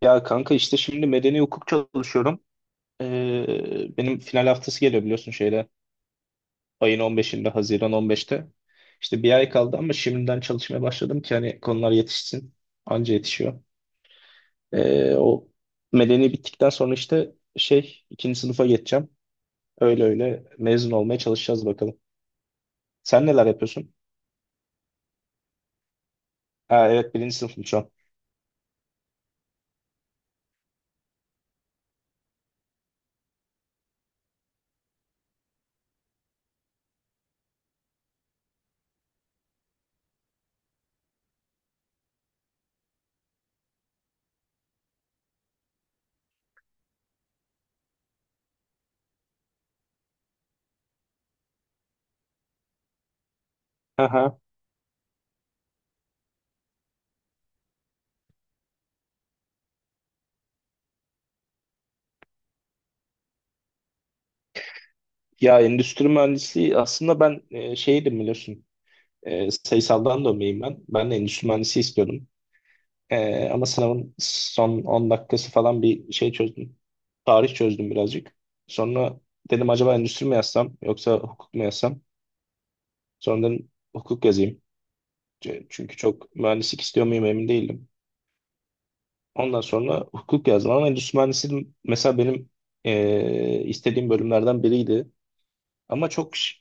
Ya kanka işte şimdi medeni hukuk çalışıyorum. Benim final haftası geliyor biliyorsun şeyde. Ayın 15'inde, Haziran 15'te. İşte bir ay kaldı ama şimdiden çalışmaya başladım ki hani konular yetişsin. Anca yetişiyor. O medeni bittikten sonra işte şey ikinci sınıfa geçeceğim. Öyle öyle mezun olmaya çalışacağız bakalım. Sen neler yapıyorsun? Ha, evet birinci sınıfım şu an. Aha. Ya endüstri mühendisliği aslında ben şeydim biliyorsun. Sayısaldan dönmeyim ben. Ben de endüstri mühendisi istiyordum. Ama sınavın son 10 dakikası falan bir şey çözdüm. Tarih çözdüm birazcık. Sonra dedim acaba endüstri mi yazsam yoksa hukuk mu yazsam? Sonra dedim hukuk yazayım. Çünkü çok mühendislik istiyor muyum emin değilim. Ondan sonra hukuk yazdım ama endüstri mühendisliği mesela benim istediğim bölümlerden biriydi. Ama çok ş-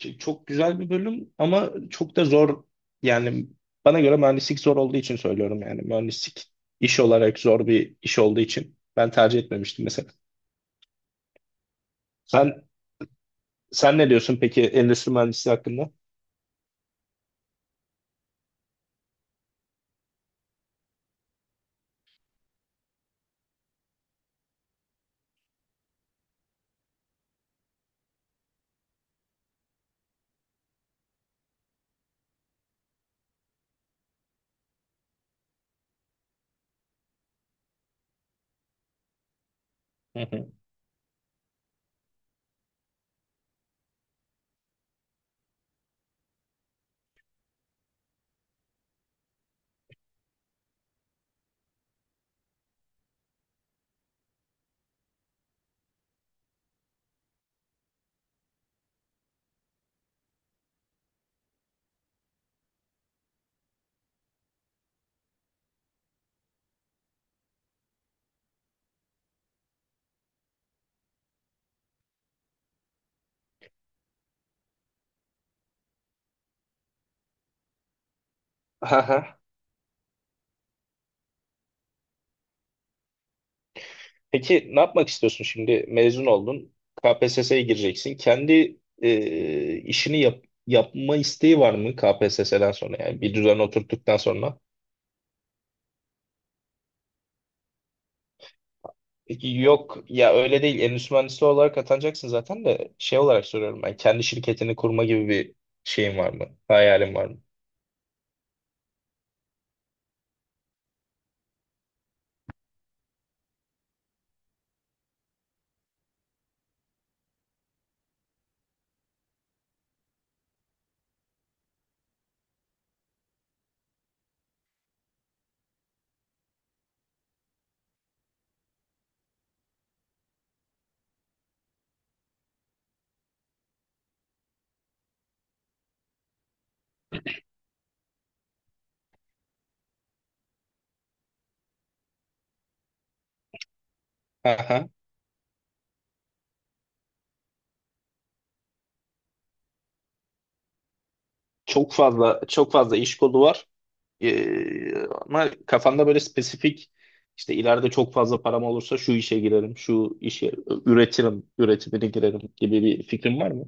Ç- çok güzel bir bölüm ama çok da zor. Yani bana göre mühendislik zor olduğu için söylüyorum yani. Mühendislik iş olarak zor bir iş olduğu için ben tercih etmemiştim mesela. Sen sen ne diyorsun peki endüstri mühendisliği hakkında? Hı hı. Aha. Peki ne yapmak istiyorsun şimdi? Mezun oldun, KPSS'ye gireceksin. Kendi işini yap, yapma isteği var mı KPSS'den sonra? Yani bir düzen oturttuktan sonra. Yok ya öyle değil. Endüstri mühendisi olarak atanacaksın zaten de şey olarak soruyorum ben. Kendi şirketini kurma gibi bir şeyin var mı? Hayalin var mı? Aha. Çok fazla çok fazla iş kolu var. Ama kafanda böyle spesifik işte ileride çok fazla param olursa şu işe girerim, şu işe üretirim, üretimine girerim gibi bir fikrin var mı?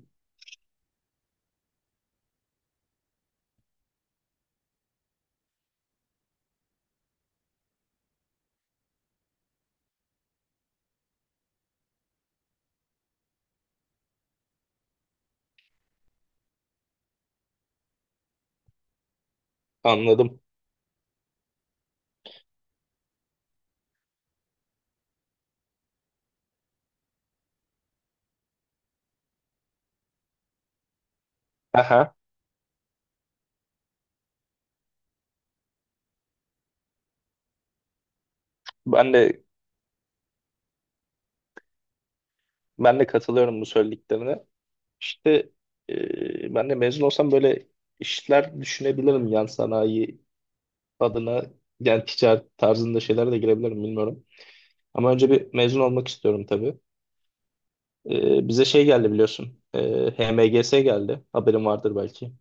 Anladım. Aha. Ben de ben de katılıyorum bu söylediklerine. İşte ben de mezun olsam böyle işler düşünebilirim yan sanayi adına yani ticaret tarzında şeylere de girebilirim bilmiyorum. Ama önce bir mezun olmak istiyorum tabii. Bize şey geldi biliyorsun. HMGS geldi. Haberin vardır belki.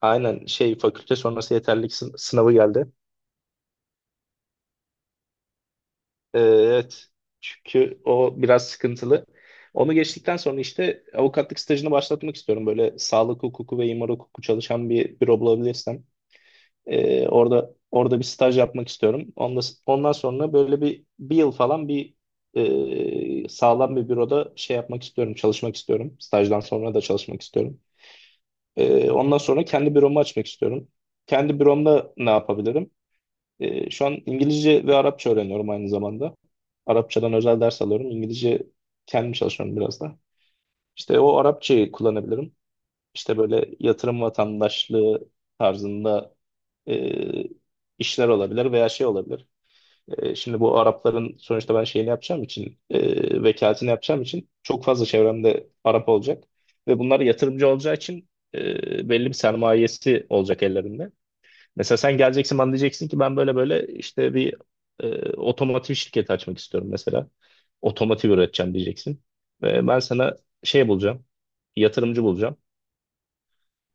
Aynen şey fakülte sonrası yeterlilik sınavı geldi. Evet. Çünkü o biraz sıkıntılı. Onu geçtikten sonra işte avukatlık stajını başlatmak istiyorum. Böyle sağlık hukuku ve imar hukuku çalışan bir büro bulabilirsem. Orada bir staj yapmak istiyorum. Ondan sonra böyle bir yıl falan bir sağlam bir büroda şey yapmak istiyorum, çalışmak istiyorum. Stajdan sonra da çalışmak istiyorum. Ondan sonra kendi büromu açmak istiyorum. Kendi büromda ne yapabilirim? Şu an İngilizce ve Arapça öğreniyorum aynı zamanda. Arapçadan özel ders alıyorum. İngilizce kendim çalışıyorum biraz da. İşte o Arapçayı kullanabilirim. İşte böyle yatırım vatandaşlığı tarzında e, işler olabilir veya şey olabilir. Şimdi bu Arapların sonuçta ben şeyini yapacağım için vekaletini yapacağım için çok fazla çevremde Arap olacak ve bunlar yatırımcı olacağı için belli bir sermayesi olacak ellerinde. Mesela sen geleceksin bana diyeceksin ki ben böyle böyle işte bir otomotiv şirketi açmak istiyorum mesela. Otomotiv üreteceğim diyeceksin. Ve ben sana şey bulacağım. Yatırımcı bulacağım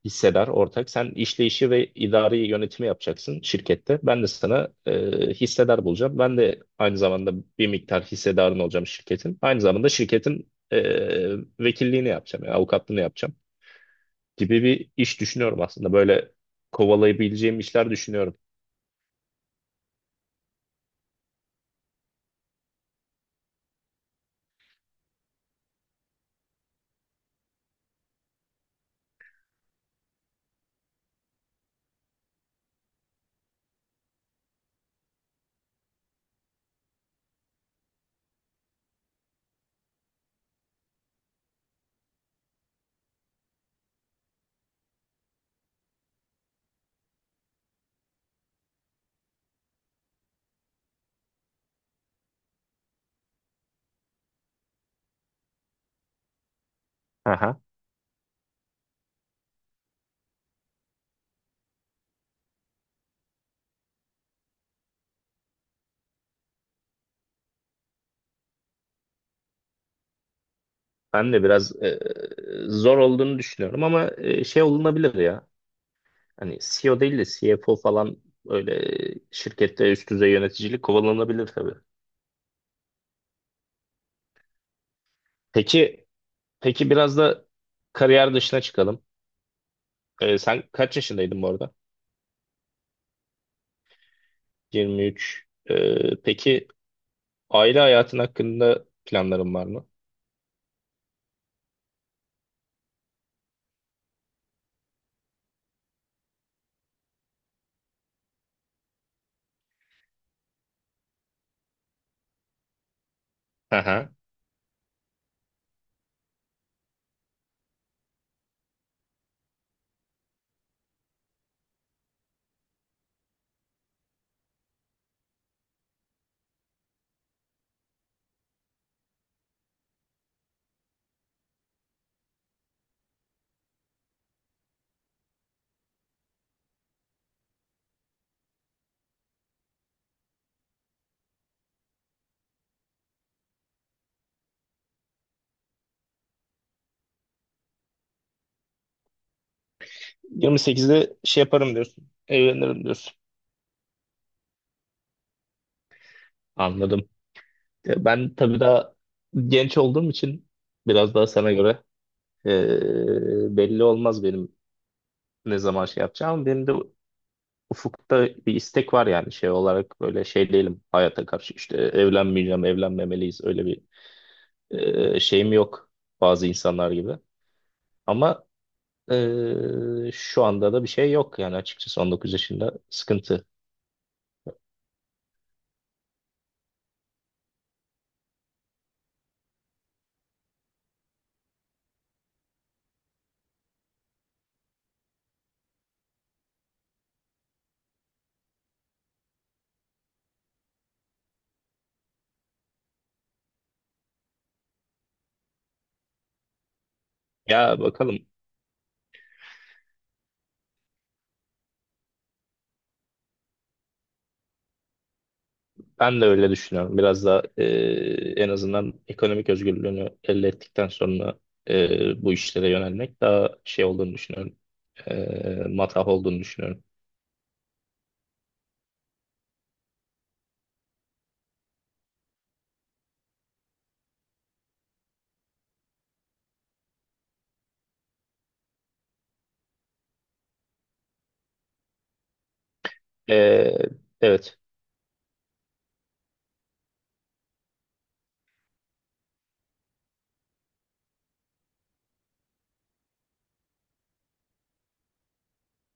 hissedar ortak. Sen işleyişi ve idari yönetimi yapacaksın şirkette. Ben de sana hissedar bulacağım. Ben de aynı zamanda bir miktar hissedarın olacağım şirketin. Aynı zamanda şirketin vekilliğini yapacağım, yani avukatlığını yapacağım gibi bir iş düşünüyorum aslında. Böyle kovalayabileceğim işler düşünüyorum. Aha. Ben de biraz zor olduğunu düşünüyorum ama şey olunabilir ya. Hani CEO değil de CFO falan öyle şirkette üst düzey yöneticilik kovalanabilir tabii. Peki peki biraz da kariyer dışına çıkalım. Sen kaç yaşındaydın bu arada? 23. Peki aile hayatın hakkında planların var mı? Aha. 28'de şey yaparım diyorsun. Evlenirim diyorsun. Anladım. Ya ben tabii daha genç olduğum için biraz daha sana göre belli olmaz benim ne zaman şey yapacağım. Benim de ufukta bir istek var yani şey olarak böyle şey değilim hayata karşı işte evlenmeyeceğim, evlenmemeliyiz öyle bir şeyim yok bazı insanlar gibi. Ama şu anda da bir şey yok yani açıkçası 19 yaşında sıkıntı. Ya bakalım. Ben de öyle düşünüyorum. Biraz da en azından ekonomik özgürlüğünü elde ettikten sonra bu işlere yönelmek daha şey olduğunu düşünüyorum. Matah olduğunu düşünüyorum. E, evet,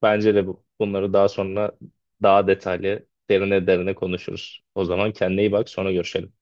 bence de bu. Bunları daha sonra daha detaylı, derine derine konuşuruz. O zaman kendine iyi bak, sonra görüşelim.